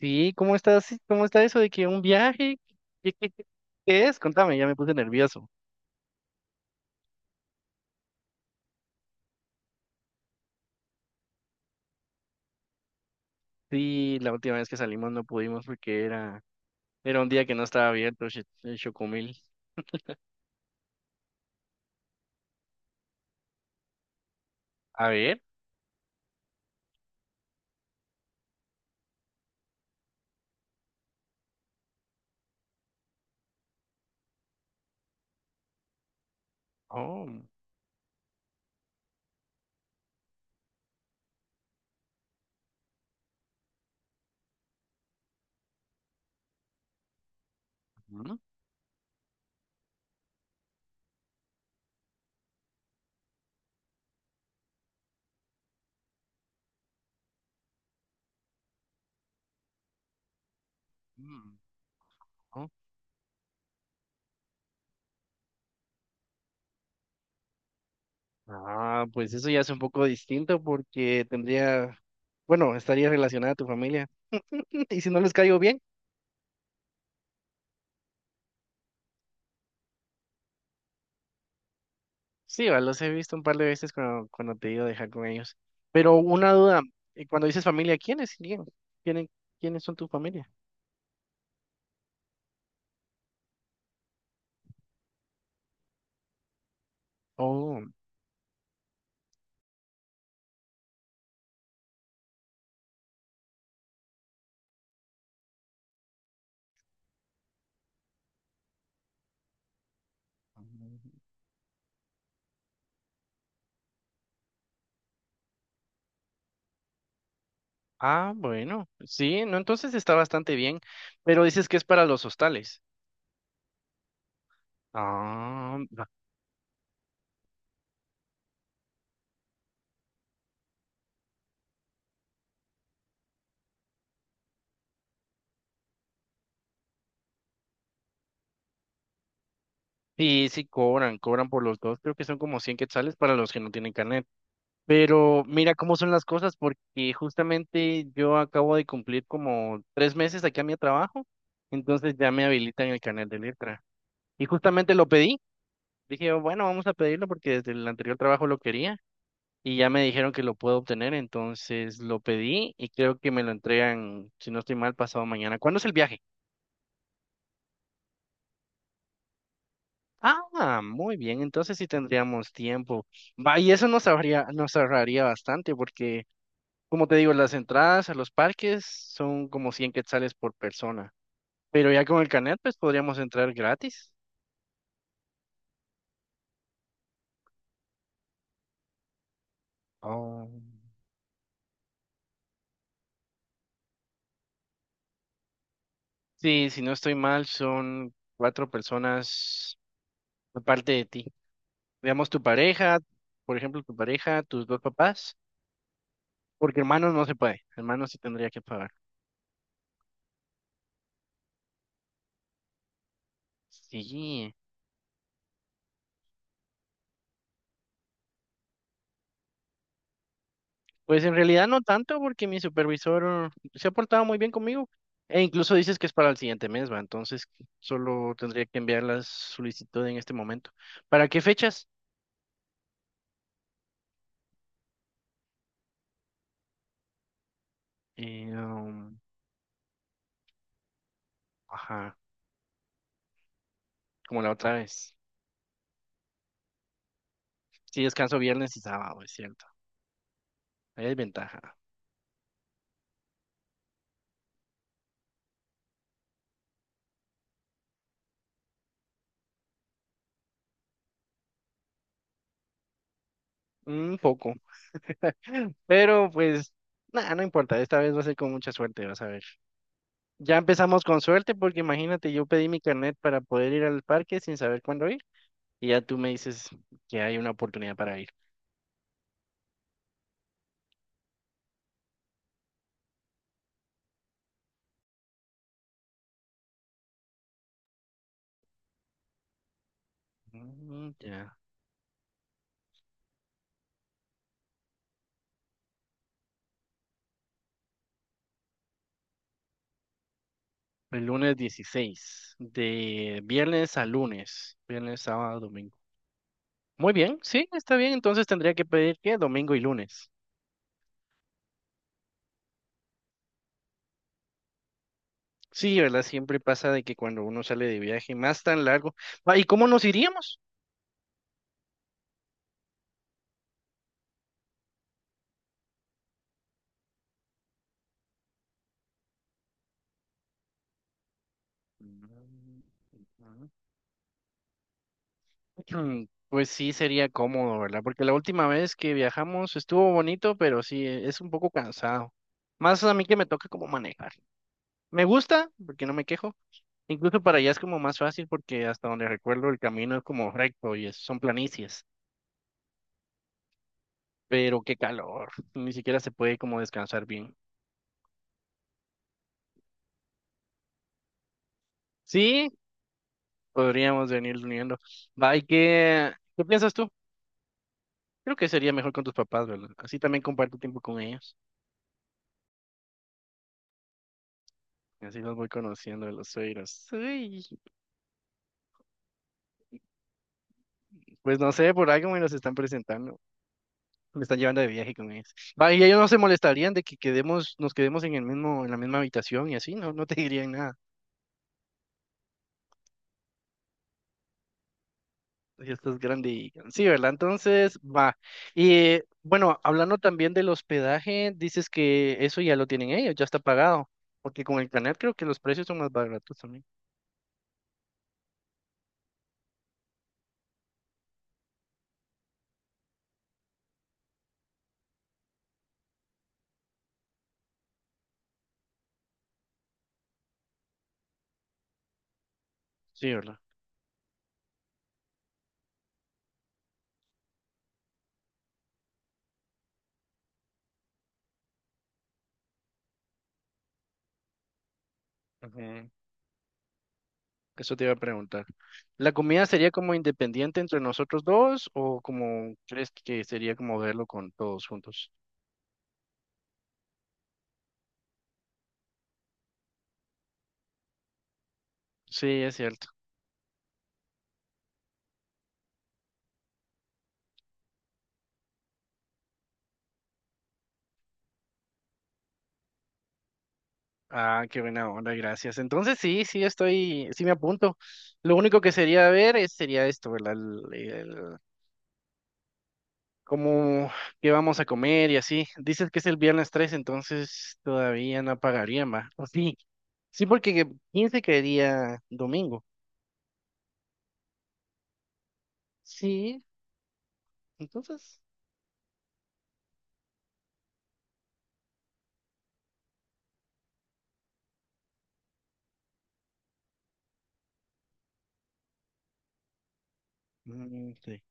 Sí, ¿cómo estás? Sí, ¿cómo está eso de que un viaje? ¿Qué, qué- qué- qué es? Contame, ya me puse nervioso. Sí, la última vez que salimos no pudimos porque era un día que no estaba abierto el Chocomil. A ver. Oh, ujú, mm, oh. Ah, pues eso ya es un poco distinto porque tendría, bueno, estaría relacionada a tu familia. ¿Y si no les caigo bien? Sí, va, los he visto un par de veces cuando te he ido a dejar con ellos. Pero una duda, cuando dices familia, ¿quiénes serían? ¿Quiénes, quiénes son tu familia? Oh, ah, bueno, sí, no, entonces está bastante bien, pero dices que es para los hostales. Ah, va. Sí, sí, cobran, cobran por los dos, creo que son como 100 quetzales para los que no tienen carnet. Pero mira cómo son las cosas, porque justamente yo acabo de cumplir como 3 meses aquí a mi trabajo, entonces ya me habilitan el carnet de letra. Y justamente lo pedí, dije, bueno, vamos a pedirlo porque desde el anterior trabajo lo quería. Y ya me dijeron que lo puedo obtener, entonces lo pedí y creo que me lo entregan, si no estoy mal, pasado mañana. ¿Cuándo es el viaje? Ah, muy bien, entonces sí tendríamos tiempo. Va, y eso nos ahorraría bastante porque, como te digo, las entradas a los parques son como 100 quetzales por persona, pero ya con el Canet, pues podríamos entrar gratis. Oh. Sí, si no estoy mal, son cuatro personas aparte de ti. Veamos tu pareja, por ejemplo, tu pareja, tus dos papás. Porque hermanos no se puede, hermanos sí tendría que pagar. Sí, pues en realidad no tanto porque mi supervisor se ha portado muy bien conmigo e incluso dices que es para el siguiente mes, va, entonces solo tendría que enviar la solicitud en este momento. ¿Para qué fechas? Eh, um, ajá, como la otra vez. Sí, descanso viernes y sábado, es cierto. Hay desventaja. Un poco, pero pues nada, no importa, esta vez va a ser con mucha suerte, vas a ver. Ya empezamos con suerte porque imagínate, yo pedí mi carnet para poder ir al parque sin saber cuándo ir y ya tú me dices que hay una oportunidad para ir. Mm, ya. El lunes 16 de viernes a lunes, viernes, sábado, domingo. Muy bien, sí, está bien, entonces tendría que pedir que domingo y lunes. Sí, ¿verdad? Siempre pasa de que cuando uno sale de viaje más tan largo. Ah, ¿y cómo nos iríamos? Mm, Pues sí, sería cómodo, ¿verdad? Porque la última vez que viajamos estuvo bonito, pero sí, es un poco cansado. Más a mí que me toca como manejar. Me gusta, porque no me quejo. Incluso para allá es como más fácil porque hasta donde recuerdo el camino es como recto y son planicies. Pero qué calor, ni siquiera se puede como descansar bien. Sí, podríamos venir uniendo. Va, ¿y qué, qué piensas tú? Creo que sería mejor con tus papás, ¿verdad? Así también comparto tiempo con ellos. Así los voy conociendo de los suegros. Uy. Pues no sé, por algo me los están presentando. Me están llevando de viaje con ellos. Va, y ellos no se molestarían de que quedemos, nos quedemos en el mismo, en la misma habitación y así, no, no te dirían nada. Ya estás grande y sí, ¿verdad? Entonces, va. Y bueno, hablando también del hospedaje, dices que eso ya lo tienen ellos, ya está pagado. Porque con el canal creo que los precios son más baratos también. Sí, ¿verdad? Ujú, eso te iba a preguntar. ¿La comida sería como independiente entre nosotros dos o como crees que sería como verlo con todos juntos? Sí, es cierto. Ah, qué buena onda, gracias. Entonces sí, sí estoy, sí me apunto. Lo único que sería ver es, sería esto, ¿verdad? Como qué vamos a comer y así. Dices que es el viernes 3, entonces todavía no pagaría más. O sí, sí, porque 15 caería domingo. Sí, entonces. Mm, sí.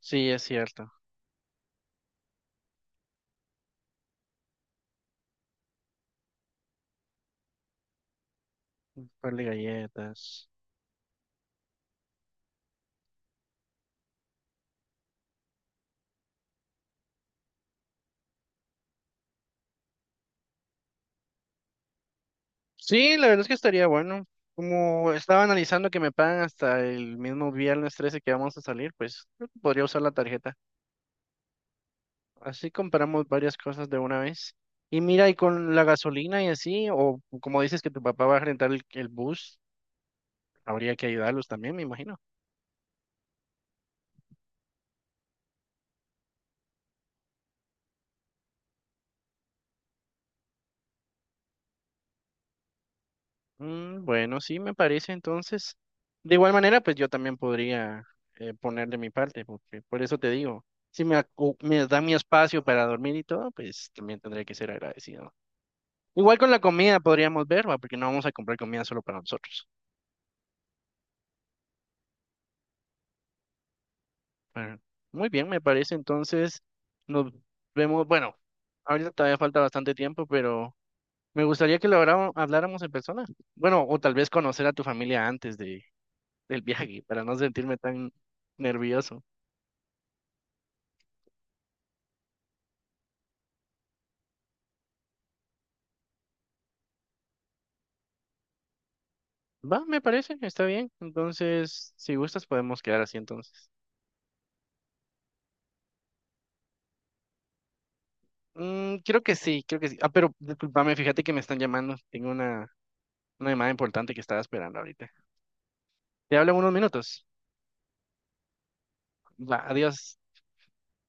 Sí, es cierto. Un par de galletas. Sí, la verdad es que estaría bueno. Como estaba analizando que me pagan hasta el mismo viernes 13 que vamos a salir, pues creo que podría usar la tarjeta. Así compramos varias cosas de una vez. Y mira, y con la gasolina y así, o como dices que tu papá va a rentar el bus, habría que ayudarlos también, me imagino. Bueno, sí, me parece entonces. De igual manera, pues yo también podría poner de mi parte, porque por eso te digo, si me da mi espacio para dormir y todo, pues también tendré que ser agradecido. Igual con la comida podríamos ver, ¿va? Porque no vamos a comprar comida solo para nosotros. Pero, muy bien, me parece. Entonces, nos vemos. Bueno, ahorita todavía falta bastante tiempo, pero me gustaría que lo habláramos en persona. Bueno, o tal vez conocer a tu familia antes del viaje, para no sentirme tan nervioso. Va, me parece, está bien. Entonces, si gustas, podemos quedar así entonces. Mm, creo que sí, creo que sí. Ah, pero discúlpame, fíjate que me están llamando. Tengo una llamada importante que estaba esperando ahorita. Te hablo en unos minutos. Va, adiós.